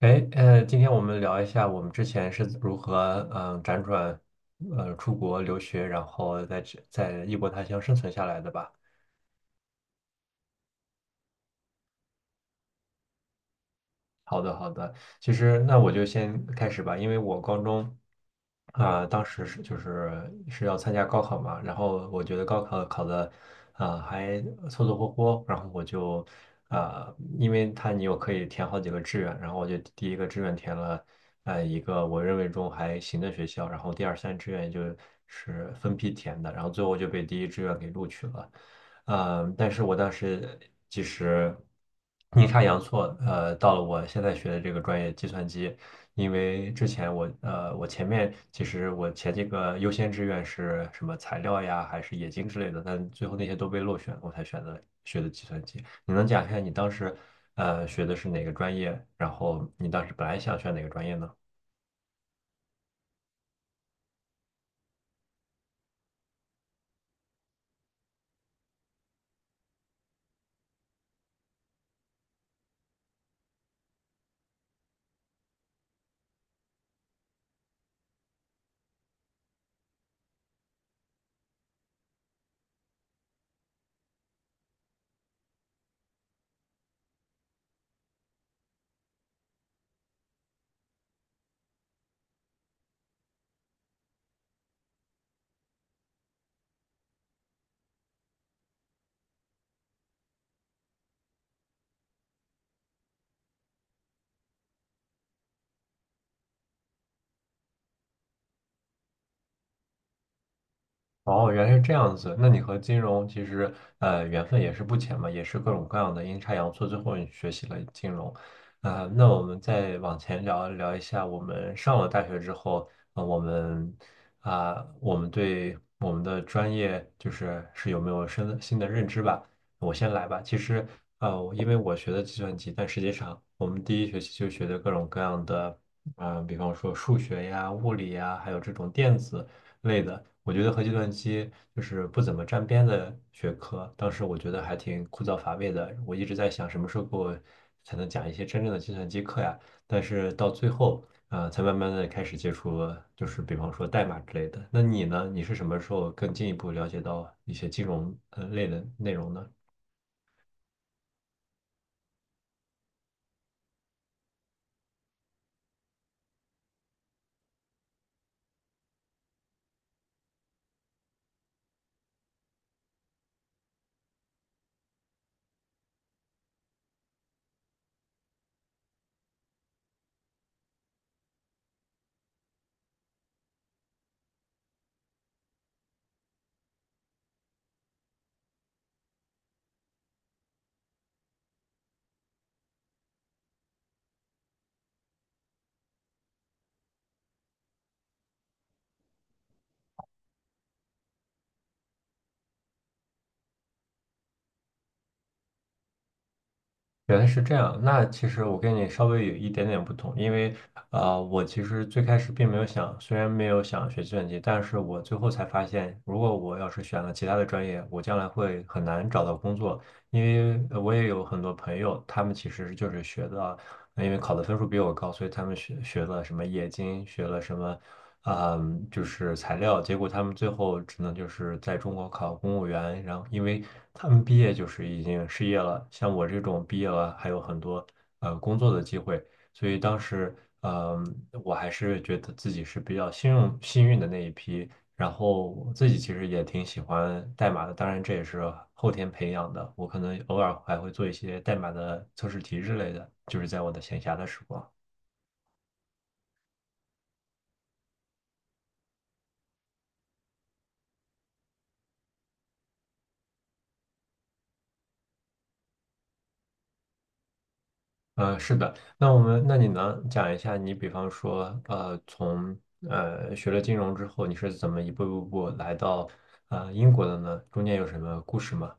哎，今天我们聊一下我们之前是如何，辗转，出国留学，然后在异国他乡生存下来的吧。好的，好的。其实那我就先开始吧，因为我高中当时就是要参加高考嘛，然后我觉得高考考的还凑凑合合，然后我就因为你又可以填好几个志愿，然后我就第一个志愿填了一个我认为中还行的学校，然后第二、三志愿就是分批填的，然后最后就被第一志愿给录取了。但是我当时其实阴差阳错，到了我现在学的这个专业计算机，因为之前我呃，我前面其实我前几个优先志愿是什么材料呀，还是冶金之类的，但最后那些都被落选，我才选择学的计算机。你能讲一下你当时学的是哪个专业，然后你当时本来想选哪个专业呢？哦，原来是这样子。那你和金融其实缘分也是不浅嘛，也是各种各样的阴差阳错，最后你学习了金融。那我们再往前聊聊一下，我们上了大学之后，啊、我们对我们的专业就是有没有新的认知吧？我先来吧。其实因为我学的计算机，但实际上我们第一学期就学的各种各样的，比方说数学呀、物理呀，还有这种电子类的。我觉得和计算机就是不怎么沾边的学科，当时我觉得还挺枯燥乏味的。我一直在想什么时候给我才能讲一些真正的计算机课呀？但是到最后，才慢慢的开始接触，就是比方说代码之类的。那你呢？你是什么时候更进一步了解到一些金融类的内容呢？原来是这样，那其实我跟你稍微有一点点不同，因为我其实最开始并没有想，虽然没有想学计算机，但是我最后才发现，如果我要是选了其他的专业，我将来会很难找到工作，因为我也有很多朋友，他们其实就是学的。那因为考的分数比我高，所以他们学了什么冶金，学了什么，就是材料，结果他们最后只能就是在中国考公务员，然后因为他们毕业就是已经失业了，像我这种毕业了还有很多工作的机会，所以当时嗯，我还是觉得自己是比较幸运的那一批。然后我自己其实也挺喜欢代码的，当然这也是后天培养的。我可能偶尔还会做一些代码的测试题之类的，就是在我的闲暇的时光。是的，那我们，那你能讲一下你，比方说，从学了金融之后，你是怎么一步一步来到英国的呢？中间有什么故事吗？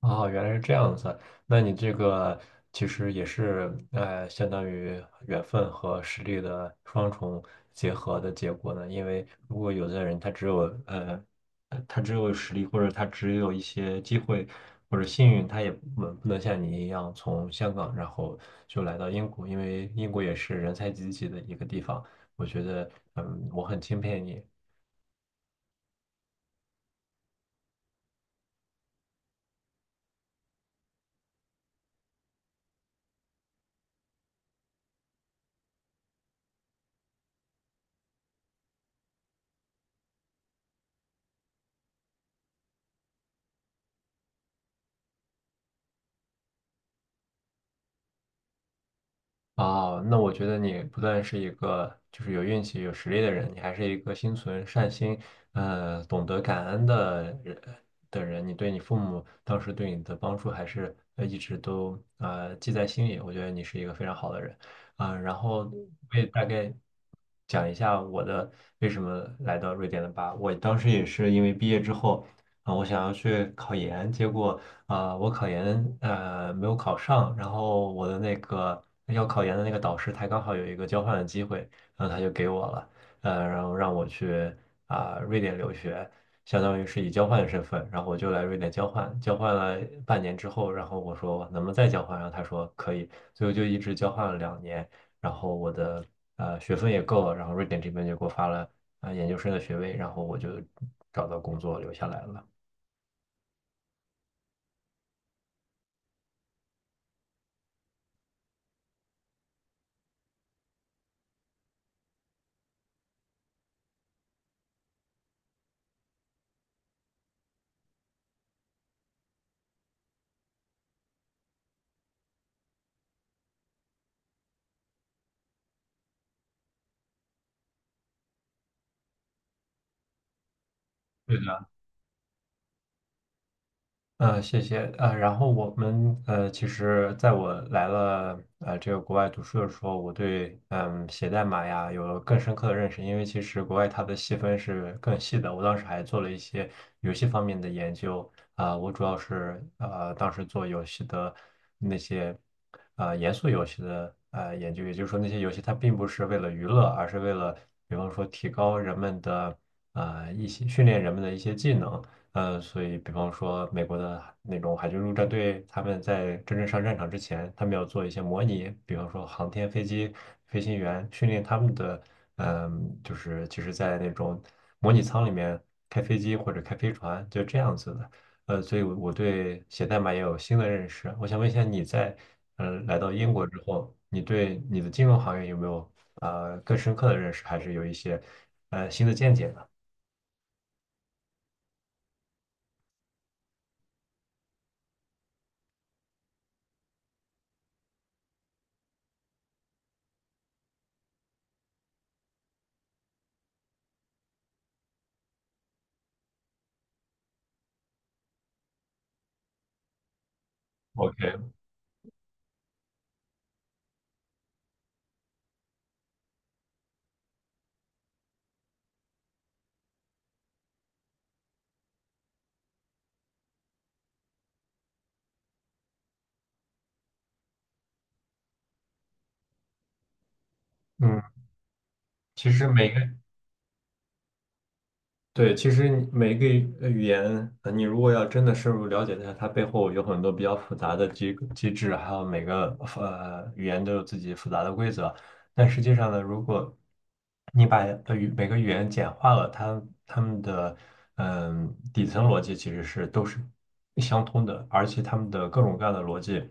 哦，原来是这样子。那你这个其实也是，相当于缘分和实力的双重结合的结果呢。因为如果有的人呃，他只有实力，或者他只有一些机会或者幸运，他也不能像你一样从香港然后就来到英国，因为英国也是人才济济的一个地方。我觉得，我很钦佩你。那我觉得你不但是一个就是有运气、有实力的人，你还是一个心存善心，懂得感恩的人。你对你父母当时对你的帮助，还是一直都记在心里。我觉得你是一个非常好的人，然后我也大概讲一下我的为什么来到瑞典的吧。我当时也是因为毕业之后我想要去考研，结果我考研没有考上，然后我的那个要考研的那个导师，他刚好有一个交换的机会，然后他就给我了，然后让我去瑞典留学，相当于是以交换的身份，然后我就来瑞典交换，交换了半年之后，然后我说能不能再交换，然后他说可以，所以我就一直交换了2年，然后我的学分也够了，然后瑞典这边就给我发了研究生的学位，然后我就找到工作留下来了。对，谢谢。然后我们其实在我来了这个国外读书的时候，我对写代码呀有了更深刻的认识，因为其实国外它的细分是更细的。我当时还做了一些游戏方面的研究啊，我主要是当时做游戏的那些严肃游戏的研究，也就是说那些游戏它并不是为了娱乐，而是为了比方说提高人们的一些训练人们的一些技能。所以比方说美国的那种海军陆战队，他们在真正上战场之前，他们要做一些模拟，比方说航天飞机飞行员训练他们的，就是其实，在那种模拟舱里面开飞机或者开飞船，就这样子的。所以我对写代码也有新的认识。我想问一下，你在来到英国之后，你对你的金融行业有没有更深刻的认识，还是有一些新的见解呢？OK，嗯，其实每个。对，其实你每一个语言，你如果要真的深入了解它，它背后有很多比较复杂的机制，还有每个语言都有自己复杂的规则。但实际上呢，如果你把每个语言简化了，它们的底层逻辑其实都是相通的，而且它们的各种各样的逻辑，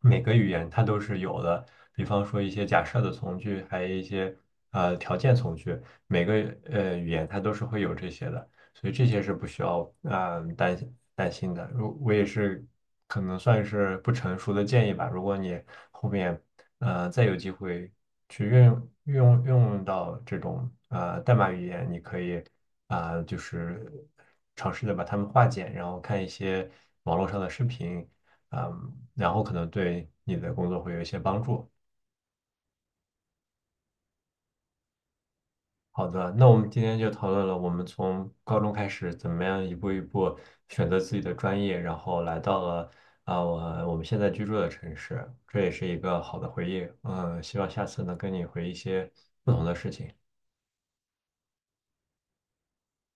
每个语言它都是有的。比方说一些假设的从句，还有一些条件从句。每个语言它都是会有这些的，所以这些是不需要担心担心的。如我也是可能算是不成熟的建议吧，如果你后面再有机会去运用运用到这种代码语言，你可以就是尝试的把它们化简，然后看一些网络上的视频，嗯、然后可能对你的工作会有一些帮助。好的，那我们今天就讨论了我们从高中开始怎么样一步一步选择自己的专业，然后来到了啊我我们现在居住的城市，这也是一个好的回忆。嗯，希望下次能跟你回忆一些不同的事情。